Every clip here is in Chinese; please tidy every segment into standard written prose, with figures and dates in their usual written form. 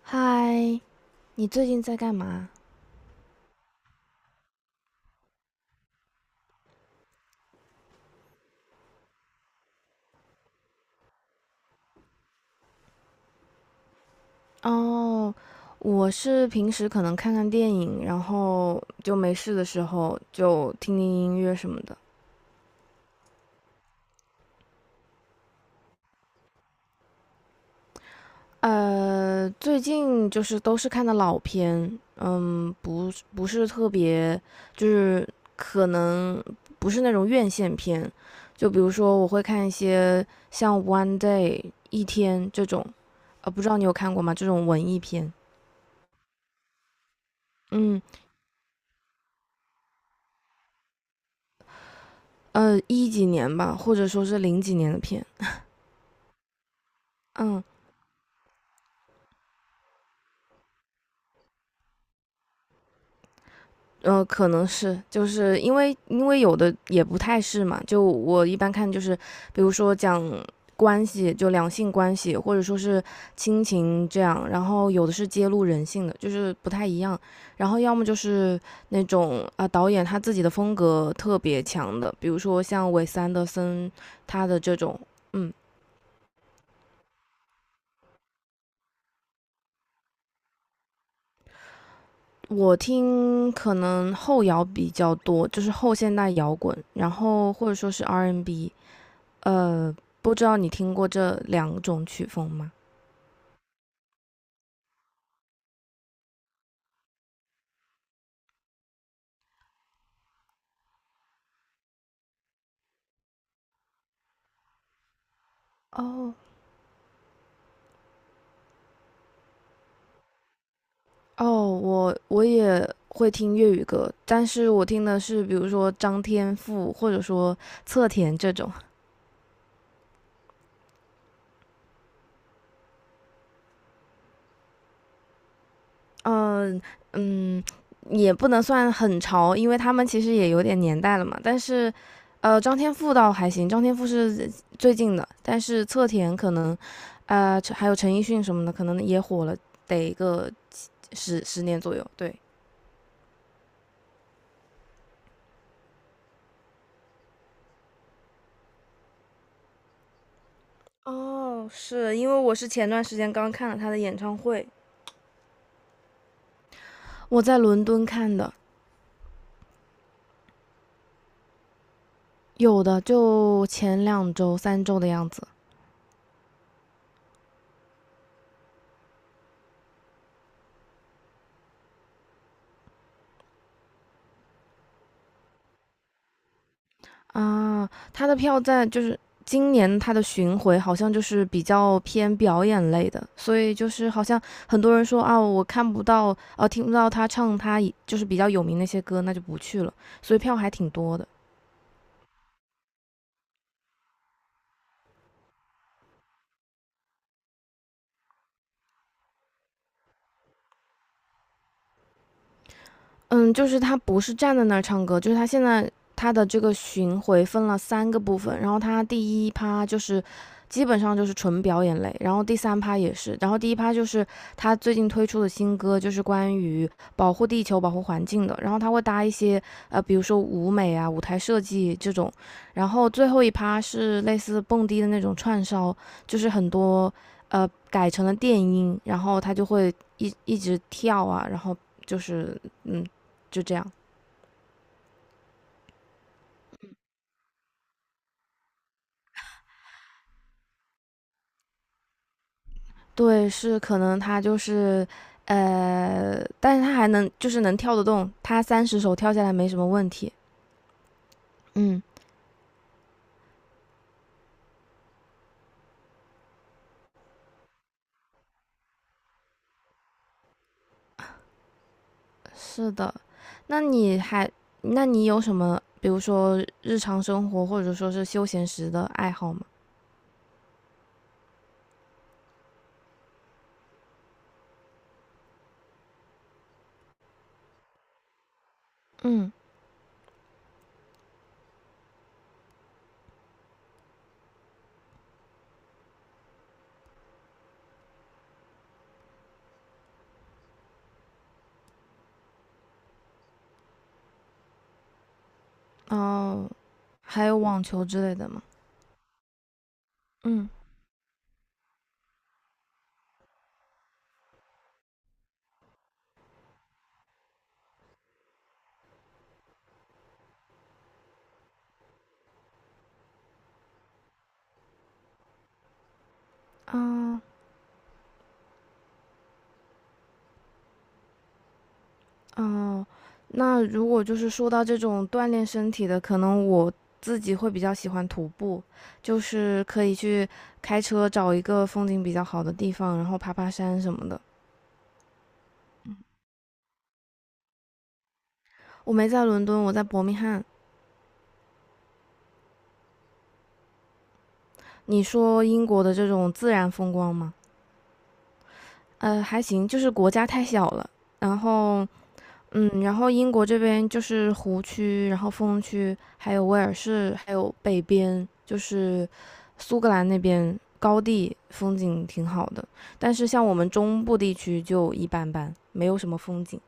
嗨，你最近在干嘛？哦，我是平时可能看看电影，然后就没事的时候就听听音乐什么的。最近就是都是看的老片，不是特别，就是可能不是那种院线片，就比如说我会看一些像《One Day》一天这种，不知道你有看过吗？这种文艺片，嗯。一几年吧，或者说是零几年的片，嗯。可能是，就是因为有的也不太是嘛，就我一般看就是，比如说讲关系，就两性关系，或者说是亲情这样，然后有的是揭露人性的，就是不太一样，然后要么就是那种导演他自己的风格特别强的，比如说像韦斯安德森他的这种，嗯。我听可能后摇比较多，就是后现代摇滚，然后或者说是 R&B N。不知道你听过这两种曲风吗？哦哦，我也会听粤语歌，但是我听的是比如说张天赋或者说侧田这种。嗯嗯，也不能算很潮，因为他们其实也有点年代了嘛。但是，张天赋倒还行，张天赋是最近的，但是侧田可能，还有陈奕迅什么的，可能也火了得个十年左右。对，哦，是因为我是前段时间刚看了他的演唱会，我在伦敦看的，有的就前2周、3周的样子。啊，他的票在就是今年他的巡回好像就是比较偏表演类的，所以就是好像很多人说啊，我看不到，听不到他唱他以就是比较有名那些歌，那就不去了，所以票还挺多的。嗯，就是他不是站在那儿唱歌，就是他现在他的这个巡回分了三个部分，然后他第一趴就是基本上就是纯表演类，然后第三趴也是，然后第一趴就是他最近推出的新歌，就是关于保护地球、保护环境的，然后他会搭一些比如说舞美啊、舞台设计这种，然后最后一趴是类似蹦迪的那种串烧，就是很多改成了电音，然后他就会一直跳啊，然后。就是嗯，就这样。对，是可能他就是，但是他还能就是能跳得动，他30首跳下来没什么问题。嗯，是的。那你还，那你有什么，比如说日常生活或者说是休闲时的爱好吗？嗯，哦，还有网球之类的吗？嗯，啊、哦，那如果就是说到这种锻炼身体的，可能我自己会比较喜欢徒步，就是可以去开车找一个风景比较好的地方，然后爬爬山什么的。我没在伦敦，我在伯明翰。你说英国的这种自然风光吗？还行，就是国家太小了，然后然后英国这边就是湖区，然后风区，还有威尔士，还有北边，就是苏格兰那边高地风景挺好的，但是像我们中部地区就一般般，没有什么风景。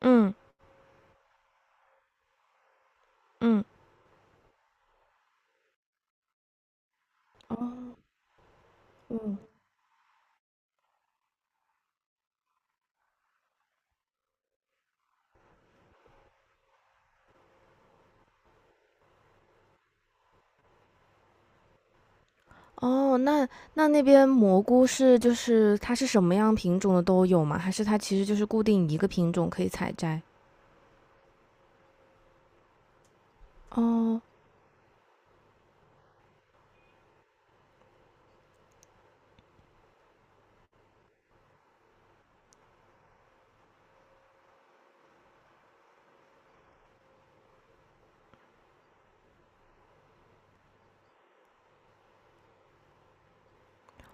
嗯嗯，哦哦，那那边蘑菇是就是它是什么样品种的都有吗？还是它其实就是固定一个品种可以采摘？哦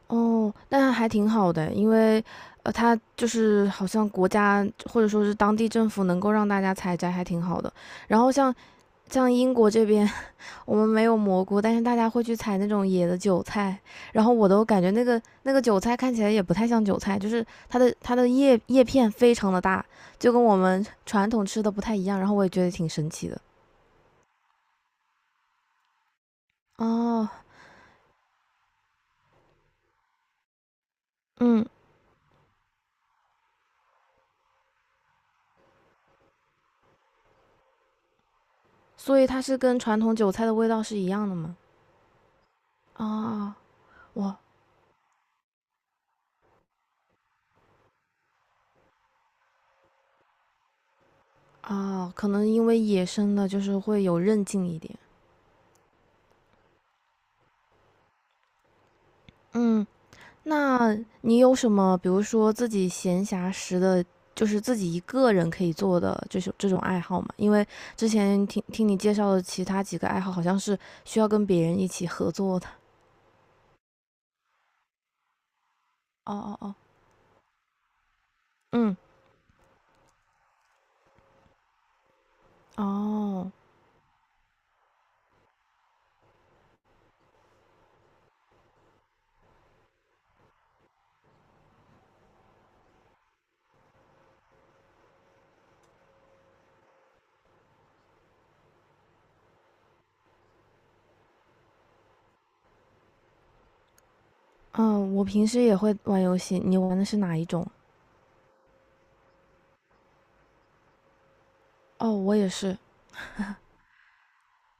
哦，那还挺好的，因为它就是好像国家或者说是当地政府能够让大家采摘，还挺好的。然后像英国这边，我们没有蘑菇，但是大家会去采那种野的韭菜，然后我都感觉那个韭菜看起来也不太像韭菜，就是它的叶片非常的大，就跟我们传统吃的不太一样。然后我也觉得挺神奇的。哦，嗯，所以它是跟传统韭菜的味道是一样的吗？啊、哇，啊，可能因为野生的就是会有韧劲一点。嗯，那你有什么，比如说自己闲暇时的，就是自己一个人可以做的这种爱好吗？因为之前听听你介绍的其他几个爱好，好像是需要跟别人一起合作的。哦哦哦，嗯，哦，嗯，我平时也会玩游戏，你玩的是哪一种？哦，我也是。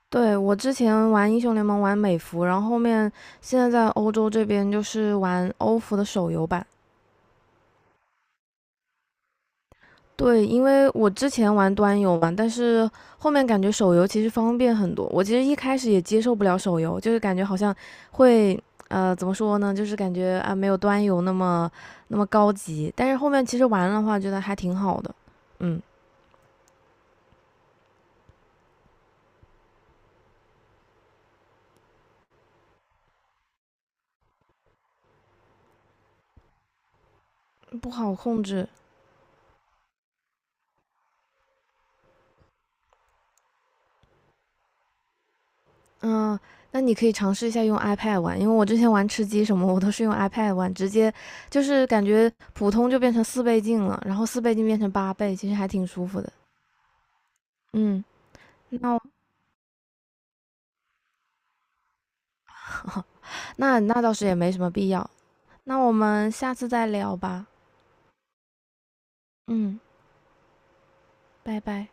对，我之前玩英雄联盟玩美服，然后后面现在在欧洲这边就是玩欧服的手游版。对，因为我之前玩端游嘛，但是后面感觉手游其实方便很多。我其实一开始也接受不了手游，就是感觉好像会怎么说呢，就是感觉啊没有端游那么高级。但是后面其实玩的话，觉得还挺好的，嗯，不好控制。嗯，那你可以尝试一下用 iPad 玩，因为我之前玩吃鸡什么，我都是用 iPad 玩，直接就是感觉普通就变成四倍镜了，然后四倍镜变成8倍，其实还挺舒服的。嗯，那我 那倒是也没什么必要，那我们下次再聊吧。嗯，拜拜。